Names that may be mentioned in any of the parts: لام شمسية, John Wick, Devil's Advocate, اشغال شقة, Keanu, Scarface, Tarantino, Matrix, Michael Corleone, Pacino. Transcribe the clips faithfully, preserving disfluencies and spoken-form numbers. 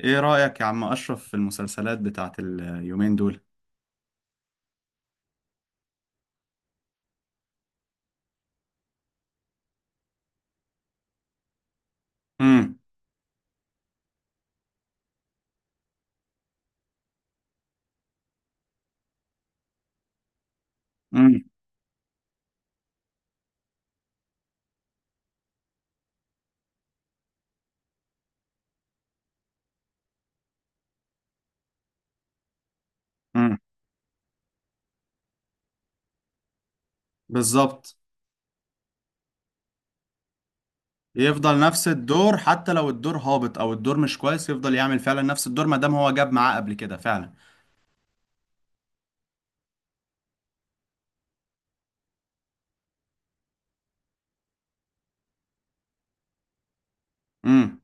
ايه رأيك يا عم اشرف في المسلسلات بتاعت اليومين دول؟ امم. امم. امم. بالظبط. يفضل نفس الدور حتى لو الدور هابط او الدور مش كويس، يفضل يعمل فعلا نفس الدور ما دام هو جاب معاه قبل كده فعلا. امم.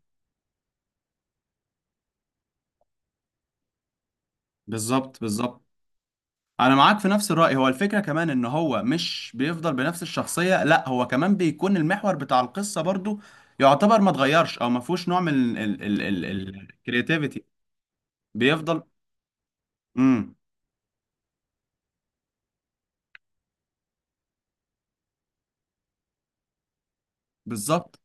بالظبط بالظبط، انا معاك في نفس الرأي. هو الفكرة كمان ان هو مش بيفضل بنفس الشخصية، لا هو كمان بيكون المحور بتاع القصة برضو، يعتبر ما اتغيرش او ما فيهوش نوع من الكرياتيفيتي. بيفضل. امم. بالظبط.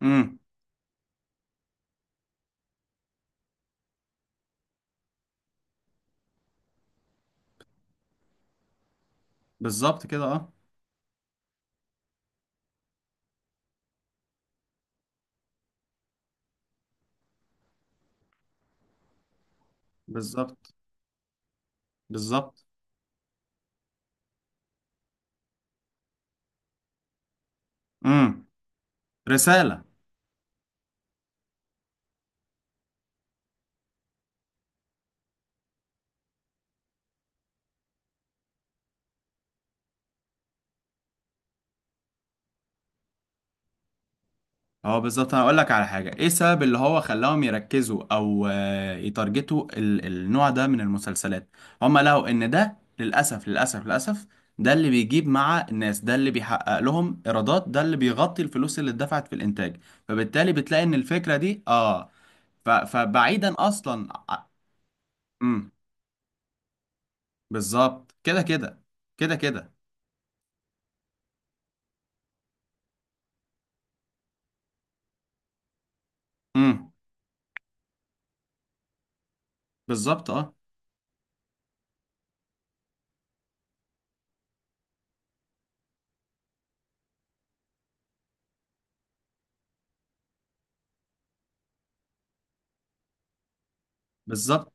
امم. بالظبط كده اه. بالظبط بالظبط. امم. رسالة. هو بالظبط، انا اقول لك على حاجة، ايه السبب اللي هو خلاهم يركزوا او آه، يتارجتوا ال- النوع ده من المسلسلات؟ هم لقوا ان ده للاسف للاسف للاسف، ده اللي بيجيب مع الناس، ده اللي بيحقق لهم ايرادات، ده اللي بيغطي الفلوس اللي اتدفعت في الانتاج، فبالتالي بتلاقي ان الفكرة دي اه. ف- فبعيدا اصلا ع- امم. بالظبط كده كده. كده كده. امم. بالظبط اه. بالظبط.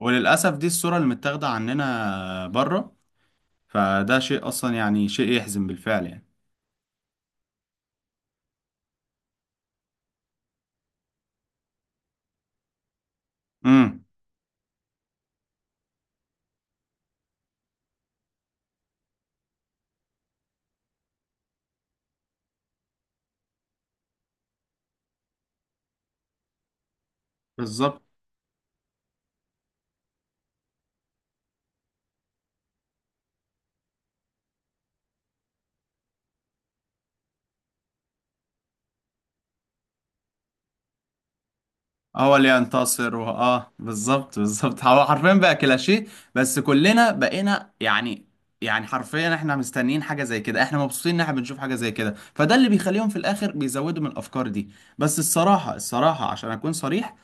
وللأسف دي الصورة اللي متاخدة عننا بره، فده شيء أصلا يعني شيء يحزن بالفعل يعني. امم. بالظبط. هو اللي ينتصر وه... اه بالظبط بالظبط، هو حرفيا بقى كلاشيه. بس كلنا بقينا يعني، يعني حرفيا احنا مستنيين حاجة زي كده، احنا مبسوطين ان احنا بنشوف حاجة زي كده، فده اللي بيخليهم في الآخر بيزودوا من الأفكار دي. بس الصراحة الصراحة، عشان أكون صريح،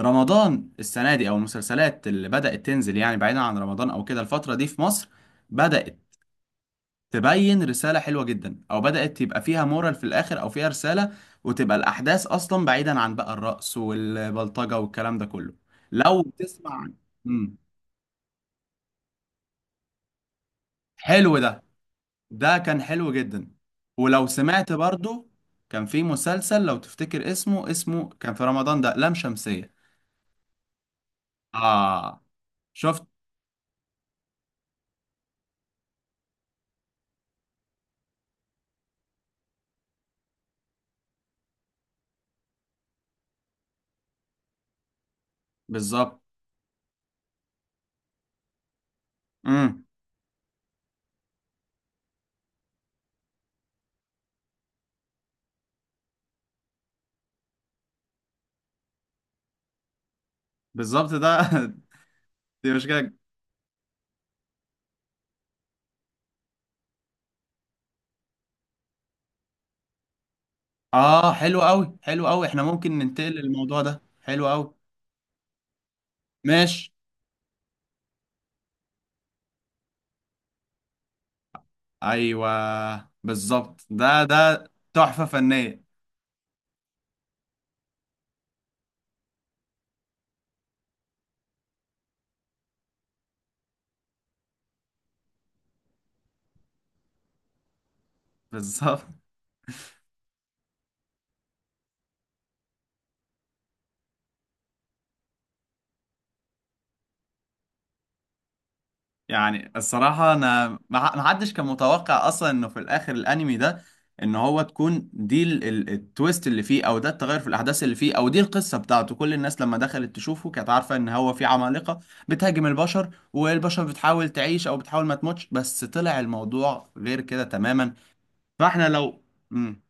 رمضان السنة دي أو المسلسلات اللي بدأت تنزل يعني بعيدا عن رمضان أو كده الفترة دي في مصر، بدأت تبين رسالة حلوة جدا، او بدأت يبقى فيها مورال في الاخر او فيها رسالة، وتبقى الاحداث اصلا بعيدا عن بقى الرقص والبلطجة والكلام ده كله. لو تسمع. مم. حلو ده، ده كان حلو جدا. ولو سمعت برضو، كان في مسلسل لو تفتكر اسمه اسمه كان في رمضان ده، لام شمسية. اه شفت. بالظبط. امم. بالظبط ده. دي مش كده. اه حلو قوي حلو قوي، احنا ممكن ننتقل للموضوع ده، حلو قوي. ماشي. ايوه بالظبط، ده ده تحفه فنيه. بالظبط. يعني الصراحه انا ما. ما حدش كان متوقع اصلا انه في الاخر الانمي ده ان هو تكون دي ال- ال- التويست اللي فيه، او ده التغير في الاحداث اللي فيه، او دي القصه بتاعته. كل الناس لما دخلت تشوفه كانت عارفه ان هو في عمالقه بتهاجم البشر والبشر بتحاول تعيش او بتحاول ما تموتش، بس طلع الموضوع غير كده تماما. فاحنا لو. امم.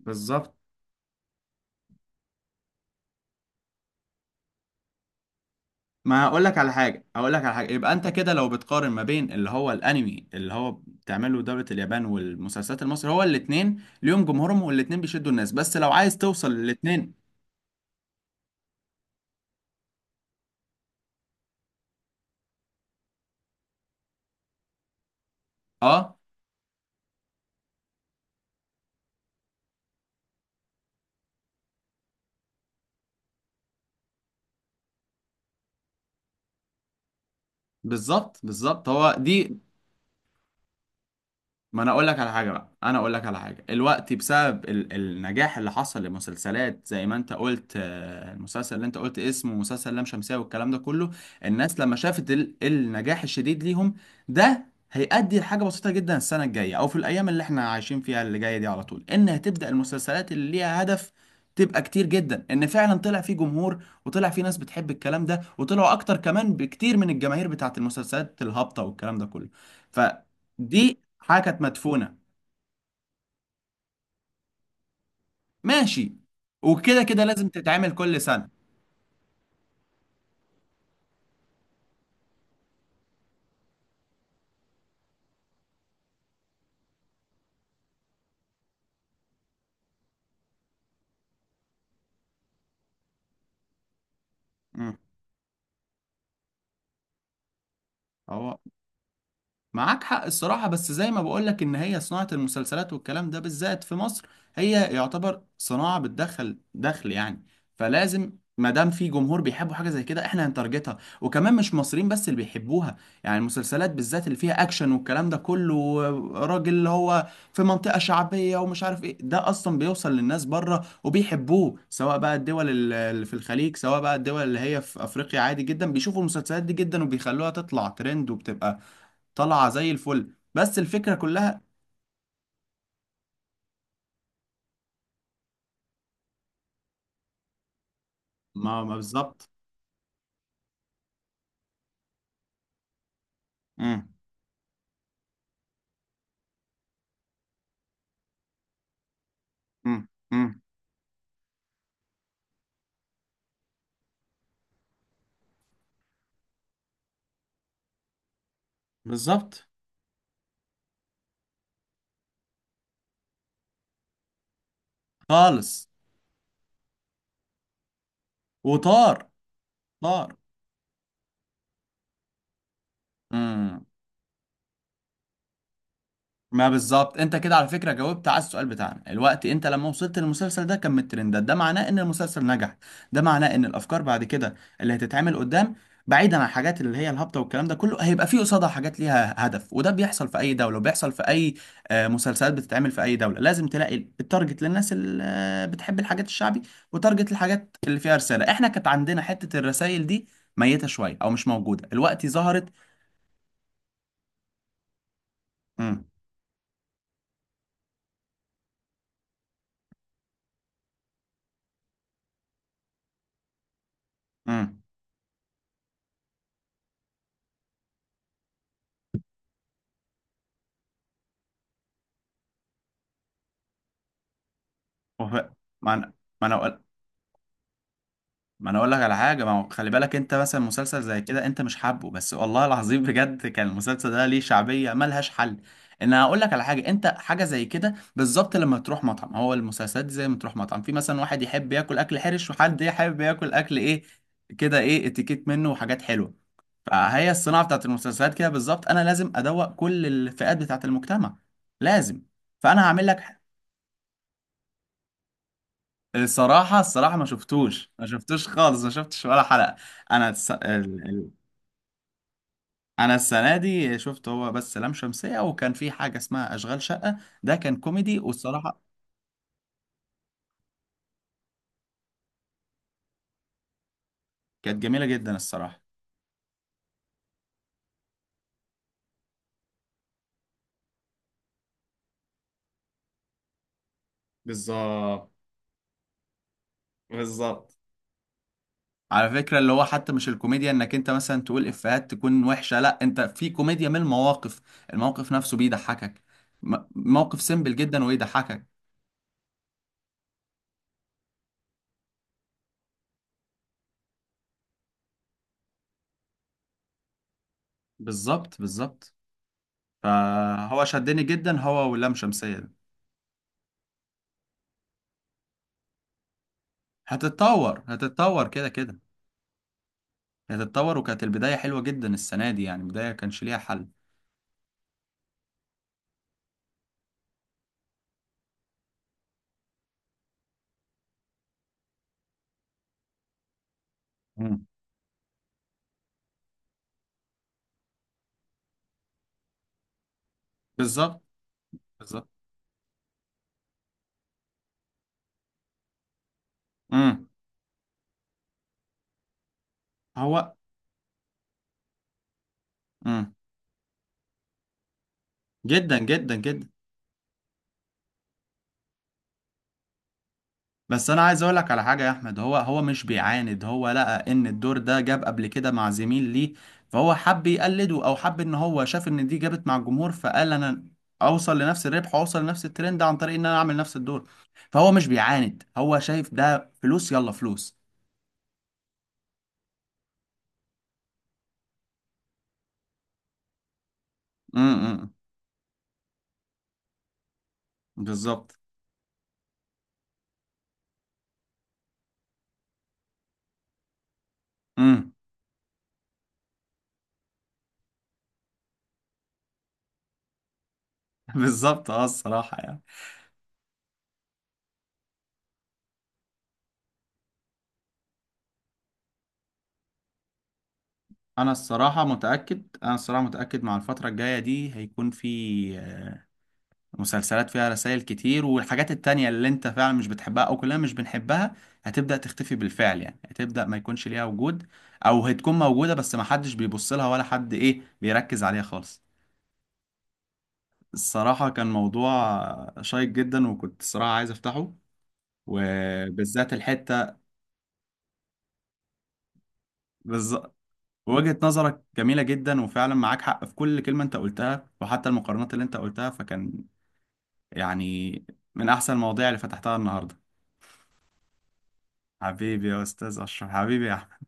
بالظبط. ما اقول لك على حاجه، اقول لك على حاجه، يبقى انت كده لو بتقارن ما بين اللي هو الانمي اللي هو بتعمله دوله اليابان والمسلسلات المصري، هو الاثنين ليهم جمهورهم والاثنين بيشدوا الناس، بس لو عايز توصل للاثنين. اه بالظبط بالظبط هو دي. ما انا اقول لك على حاجه بقى، انا اقول لك على حاجه الوقت، بسبب ال النجاح اللي حصل لمسلسلات زي ما انت قلت، آه، المسلسل اللي انت قلت اسمه مسلسل لام شمسية والكلام ده كله. الناس لما شافت ال النجاح الشديد ليهم، ده هيؤدي لحاجه بسيطه جدا. السنه الجايه او في الايام اللي احنا عايشين فيها اللي جايه دي على طول، ان هتبدا المسلسلات اللي ليها هدف تبقى كتير جدا، ان فعلا طلع فيه جمهور وطلع فيه ناس بتحب الكلام ده، وطلعوا اكتر كمان بكتير من الجماهير بتاعت المسلسلات الهابطه والكلام ده كله. دي حاجه كانت مدفونه. ماشي. وكده كده لازم تتعمل كل سنه. مم. هو معاك حق الصراحة، بس زي ما بقولك إن هي صناعة المسلسلات والكلام ده بالذات في مصر، هي يعتبر صناعة بتدخل دخل يعني، فلازم. ما دام في جمهور بيحبوا حاجة زي كده احنا هنتارجتها، وكمان مش مصريين بس اللي بيحبوها. يعني المسلسلات بالذات اللي فيها أكشن والكلام ده كله، راجل اللي هو في منطقة شعبية ومش عارف ايه، ده أصلا بيوصل للناس بره وبيحبوه، سواء بقى الدول ال- اللي في الخليج، سواء بقى الدول اللي هي في أفريقيا، عادي جدا بيشوفوا المسلسلات دي جدا وبيخلوها تطلع ترند وبتبقى طالعه زي الفل، بس الفكره كلها. ما ما بالظبط. امم امم امم. بالظبط. خالص. وطار. طار. امم. ما بالظبط، انت كده على فكره جاوبت على السؤال بتاعنا الوقت. انت لما وصلت للمسلسل ده كان من الترندات، ده معناه ان المسلسل نجح، ده معناه ان الافكار بعد كده اللي هتتعمل قدام، بعيدا عن الحاجات اللي هي الهابطه والكلام ده كله، هيبقى فيه قصادها حاجات ليها هدف، وده بيحصل في اي دوله، وبيحصل في اي آه، مسلسلات بتتعمل في اي دوله. لازم تلاقي التارجت للناس اللي آه، بتحب الحاجات الشعبي، وتارجت الحاجات اللي فيها رساله. احنا كانت عندنا حته الرسائل دي ميته شويه او مش موجوده، الوقت ظهرت. امم. امم. ما انا ما انا ما انا اقول لك على حاجه، ما هو خلي بالك انت مثلا مسلسل زي كده انت مش حابه، بس والله العظيم بجد كان المسلسل ده ليه شعبيه ملهاش حل. ان انا اقول لك على حاجه، انت حاجه زي كده بالظبط، لما تروح مطعم، هو المسلسلات دي زي ما تروح مطعم، في مثلا واحد يحب ياكل اكل حرش، وحد يحب ياكل اكل ايه كده، ايه اتيكيت منه وحاجات حلوه. فهي الصناعه بتاعت المسلسلات كده بالظبط، انا لازم ادوق كل الفئات بتاعت المجتمع، لازم. فانا هعمل لك. الصراحه الصراحه ما شفتوش ما شفتوش خالص، ما شفتش ولا حلقه. انا الس- ال- انا السنه دي شفت هو بس لام شمسية، وكان في حاجة اسمها اشغال شقة، ده كان كوميدي والصراحة كانت جميلة جدا الصراحة. بالظبط بالظبط. على فكرة اللي هو حتى مش الكوميديا انك انت مثلا تقول افيهات تكون وحشة، لا انت في كوميديا من المواقف، الموقف نفسه بيضحكك م- موقف سيمبل جدا ويضحكك. بالظبط بالظبط. فهو شدني جدا هو واللام شمسية ده. هتتطور هتتطور كده كده. هتتطور، وكانت البداية حلوة جدا السنة دي، يعني بداية كانش ليها حل. بالظبط بالظبط. امم. هو. امم. جدا جدا جدا. بس انا عايز اقول لك على حاجه يا احمد، هو هو مش بيعاند، هو لقى ان الدور ده جاب قبل كده مع زميل ليه، فهو حب يقلده او حب ان هو شاف ان دي جابت مع الجمهور، فقال انا اوصل لنفس الربح، اوصل لنفس الترند عن طريق ان انا اعمل نفس الدور. فهو مش بيعاند، هو شايف ده فلوس يلا فلوس. امم. امم. بالظبط. امم. بالظبط اه الصراحه يعني. انا الصراحه متاكد، انا الصراحه متاكد، مع الفتره الجايه دي هيكون في آه، مسلسلات فيها رسائل كتير، والحاجات التانية اللي انت فعلا مش بتحبها او كلنا مش بنحبها هتبدا تختفي بالفعل، يعني هتبدا ما يكونش ليها وجود، او هتكون موجوده بس ما حدش بيبص لها ولا حد ايه بيركز عليها خالص. الصراحه كان موضوع شيق جدا، وكنت الصراحه عايز افتحه، وبالذات الحته. بالظبط. وجهة نظرك جميلة جدا، وفعلا معاك حق في كل كلمة انت قلتها، وحتى المقارنات اللي انت قلتها فكان يعني من أحسن المواضيع اللي فتحتها النهاردة. حبيبي يا أستاذ أشرف، حبيبي يا أحمد.